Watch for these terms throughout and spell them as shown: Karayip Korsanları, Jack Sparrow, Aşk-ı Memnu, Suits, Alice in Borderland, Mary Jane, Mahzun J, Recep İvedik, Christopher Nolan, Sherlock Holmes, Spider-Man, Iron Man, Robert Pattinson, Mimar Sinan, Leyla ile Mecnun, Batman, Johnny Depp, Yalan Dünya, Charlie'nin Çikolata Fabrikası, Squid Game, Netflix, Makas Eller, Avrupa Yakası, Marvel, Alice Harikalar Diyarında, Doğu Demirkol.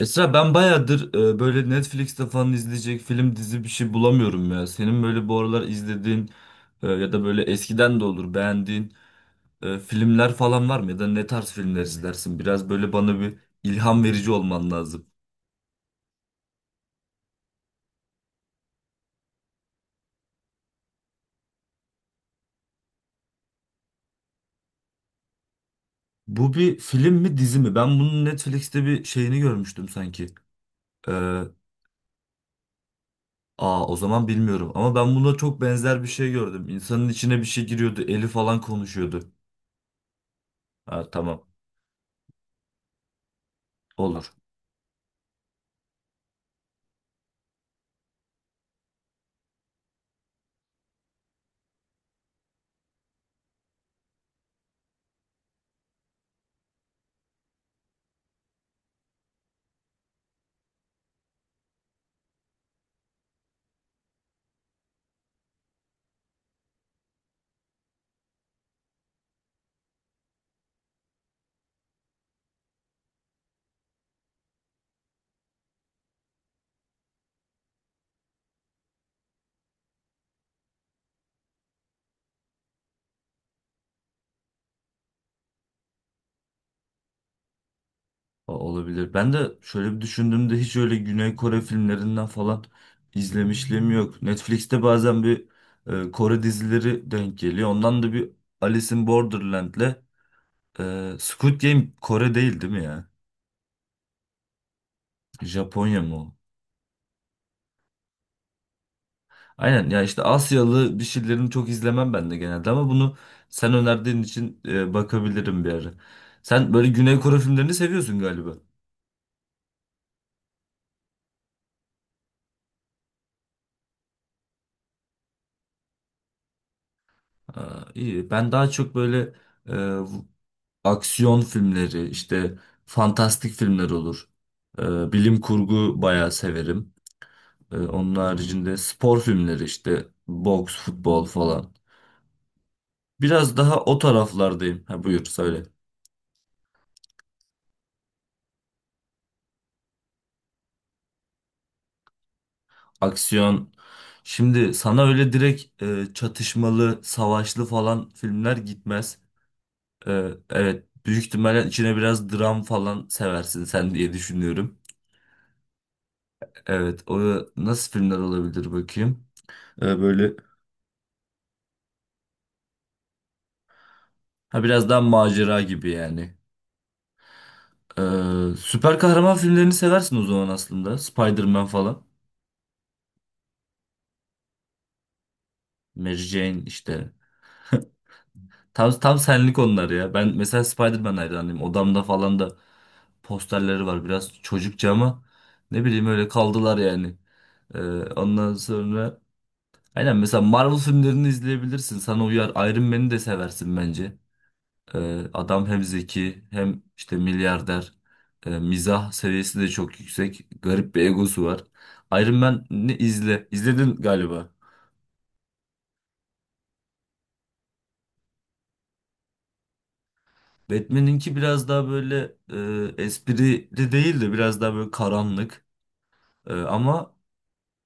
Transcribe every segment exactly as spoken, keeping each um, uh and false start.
Esra ben bayağıdır e, böyle Netflix'te falan izleyecek film dizi bir şey bulamıyorum ya. Senin böyle bu aralar izlediğin e, ya da böyle eskiden de olur beğendiğin e, filmler falan var mı? Ya da ne tarz filmler izlersin? Biraz böyle bana bir ilham verici olman lazım. Bu bir film mi dizi mi? Ben bunun Netflix'te bir şeyini görmüştüm sanki. E, Aa, o zaman bilmiyorum ama ben buna çok benzer bir şey gördüm. İnsanın içine bir şey giriyordu, eli falan konuşuyordu. Ha, tamam, olur. O- Olabilir. Ben de şöyle bir düşündüğümde hiç öyle Güney Kore filmlerinden falan izlemişliğim yok. Netflix'te bazen bir e, Kore dizileri denk geliyor. Ondan da bir Alice in Borderland'le e, Squid Game Kore değil, değil mi ya? Japonya mı o? Aynen ya, işte Asyalı bir şeylerini çok izlemem ben de genelde ama bunu sen önerdiğin için e, bakabilirim bir ara. Sen böyle Güney Kore filmlerini seviyorsun galiba. Aa, iyi. Ben daha çok böyle e, aksiyon filmleri, işte fantastik filmler olur. Ee, bilim kurgu bayağı severim. Ee, onun haricinde spor filmleri işte boks, futbol falan. Biraz daha o taraflardayım. Ha, buyur söyle. Aksiyon. Şimdi sana öyle direkt e, çatışmalı, savaşlı falan filmler gitmez. Ee, evet. Büyük ihtimalle içine biraz dram falan seversin sen diye düşünüyorum. Evet, o nasıl filmler olabilir bakayım. Ee, böyle Ha, biraz daha macera gibi yani. Ee, süper kahraman filmlerini seversin o zaman aslında. Spider-Man falan. Mary Jane işte. Tam, tam senlik onlar ya. Ben mesela Spider-Man hayranıyım. Odamda falan da posterleri var. Biraz çocukça ama ne bileyim öyle kaldılar yani. Ee, ondan sonra Aynen, mesela Marvel filmlerini izleyebilirsin. Sana uyar. Iron Man'i de seversin bence. Ee, adam hem zeki hem işte milyarder. Ee, mizah seviyesi de çok yüksek. Garip bir egosu var. Iron Man'i izle. İzledin galiba. Batman'inki biraz daha böyle e, esprili değil de biraz daha böyle karanlık. E, ama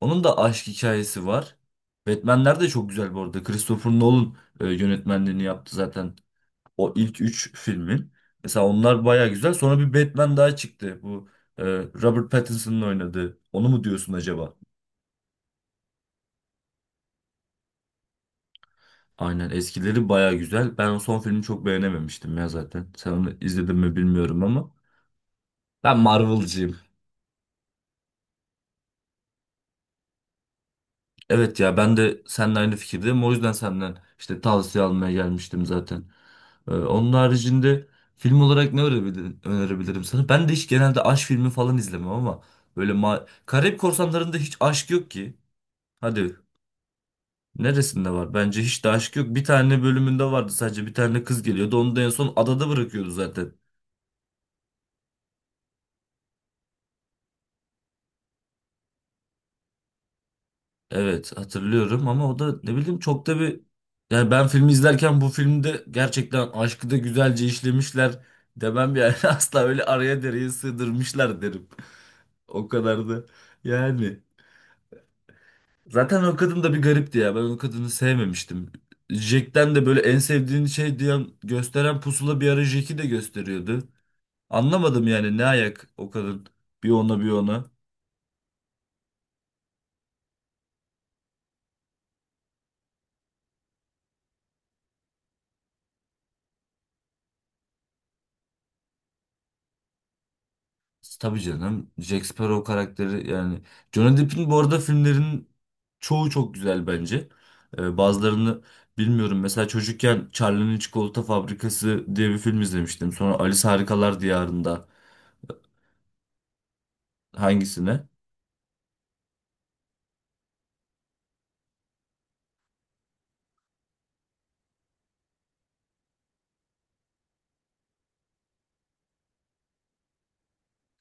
onun da aşk hikayesi var. Batman'ler de çok güzel bu arada. Christopher Nolan e, yönetmenliğini yaptı zaten. O ilk üç filmin. Mesela onlar baya güzel. Sonra bir Batman daha çıktı. Bu e, Robert Pattinson'ın oynadığı. Onu mu diyorsun acaba? Aynen, eskileri baya güzel. Ben o son filmi çok beğenememiştim ya zaten. Sen onu izledin mi bilmiyorum ama. Ben Marvel'cıyım. Evet ya, ben de seninle aynı fikirdeyim. O yüzden senden işte tavsiye almaya gelmiştim zaten. Ee, onun haricinde film olarak ne önerebilirim, önerebilirim sana? Ben de hiç genelde aşk filmi falan izlemem ama böyle ma Karayip Korsanları'nda hiç aşk yok ki. Hadi, neresinde var? Bence hiç de aşk yok. Bir tane bölümünde vardı, sadece bir tane kız geliyordu. Onu da en son adada bırakıyordu zaten. Evet, hatırlıyorum ama o da ne bileyim çok da bir... Yani ben filmi izlerken bu filmde gerçekten aşkı da güzelce işlemişler demem yani. Asla, öyle araya dereye sığdırmışlar derim. O kadar da yani. Zaten o kadın da bir garipti ya. Ben o kadını sevmemiştim. Jack'ten de böyle en sevdiğin şey diyen gösteren pusula bir ara Jack'i de gösteriyordu. Anlamadım yani ne ayak o kadın, bir ona bir ona. Tabii canım, Jack Sparrow karakteri yani. Johnny Depp'in bu arada filmlerin çoğu çok güzel bence. Ee, bazılarını bilmiyorum. Mesela çocukken Charlie'nin Çikolata Fabrikası diye bir film izlemiştim. Sonra Alice Harikalar Diyarında hangisine?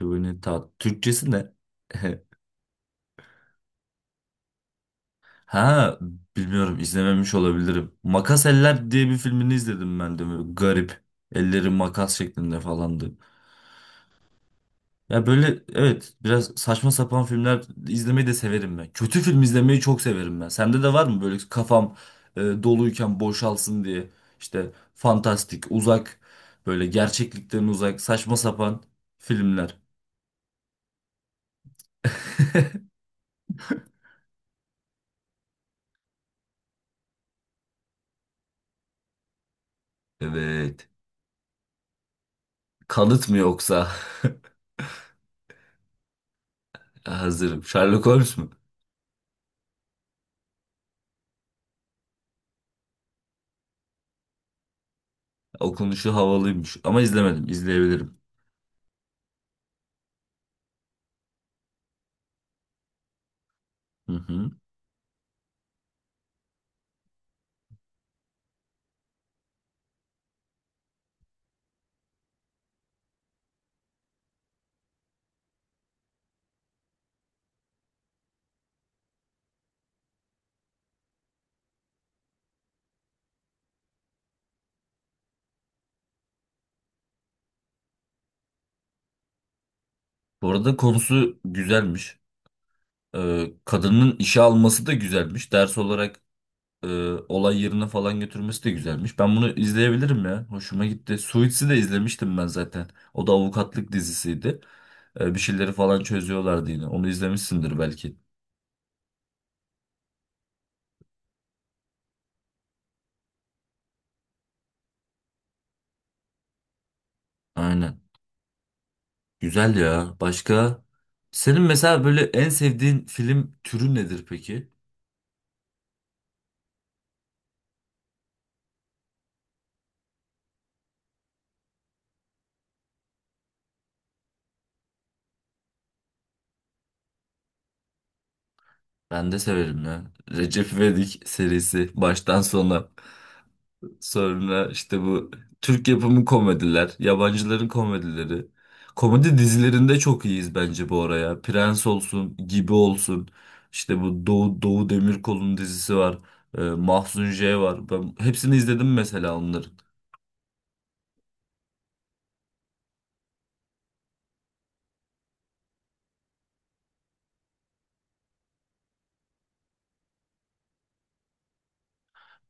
Kıvırcık Tat. Türkçesi ne? Ha, bilmiyorum, izlememiş olabilirim. Makas Eller diye bir filmini izledim ben de. Böyle garip. Elleri makas şeklinde falandı. Ya böyle evet, biraz saçma sapan filmler izlemeyi de severim ben. Kötü film izlemeyi çok severim ben. Sende de var mı böyle kafam e, doluyken boşalsın diye işte fantastik, uzak böyle gerçeklikten uzak saçma sapan filmler. Evet. Kanıt mı yoksa? Hazırım. Sherlock Holmes mu? Okunuşu havalıymış ama izlemedim. İzleyebilirim. Hı hı. Bu arada konusu güzelmiş. Ee, kadının işe alması da güzelmiş. Ders olarak e, olay yerine falan götürmesi de güzelmiş. Ben bunu izleyebilirim ya. Hoşuma gitti. Suits'i de izlemiştim ben zaten. O da avukatlık dizisiydi. E, bir şeyleri falan çözüyorlardı yine. Onu izlemişsindir belki. Aynen. Güzel ya. Başka? Senin mesela böyle en sevdiğin film türü nedir peki? Ben de severim ya. Recep İvedik serisi baştan sona. Sonra işte bu Türk yapımı komediler, yabancıların komedileri. Komedi dizilerinde çok iyiyiz bence bu araya. Prens olsun, Gibi olsun. İşte bu Doğu, Doğu Demirkol'un dizisi var. E, Mahzun J var. Ben hepsini izledim mesela onların.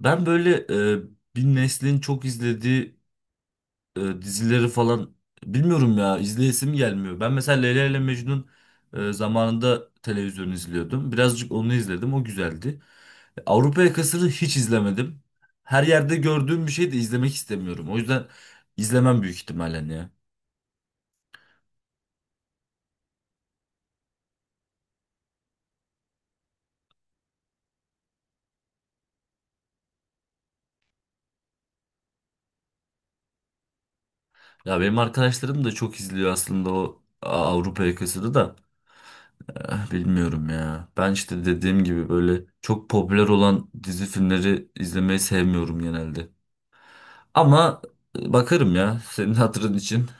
Ben böyle e, bir neslin çok izlediği e, dizileri falan bilmiyorum ya, izleyesim gelmiyor. Ben mesela Leyla ile Mecnun e, zamanında televizyon izliyordum. Birazcık onu izledim. O güzeldi. E, Avrupa Yakası'nı hiç izlemedim. Her yerde gördüğüm bir şey de izlemek istemiyorum. O yüzden izlemem büyük ihtimalle ya. Ya benim arkadaşlarım da çok izliyor aslında o Avrupa Yakası'nı da. Eh, bilmiyorum ya. Ben işte dediğim gibi böyle çok popüler olan dizi filmleri izlemeyi sevmiyorum genelde. Ama bakarım ya, senin hatırın için.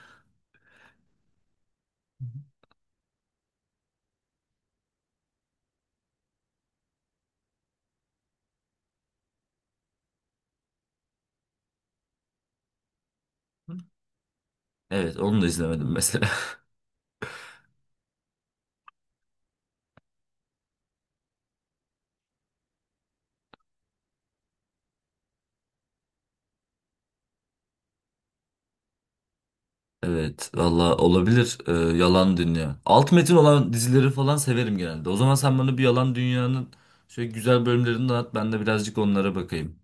Evet, onu da izlemedim mesela. Evet valla olabilir. Ee, Yalan Dünya. Alt metin olan dizileri falan severim genelde. O zaman sen bana bir Yalan Dünya'nın şöyle güzel bölümlerini dağıt, ben de birazcık onlara bakayım.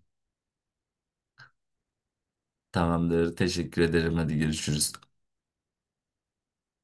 Tamamdır, teşekkür ederim, hadi görüşürüz.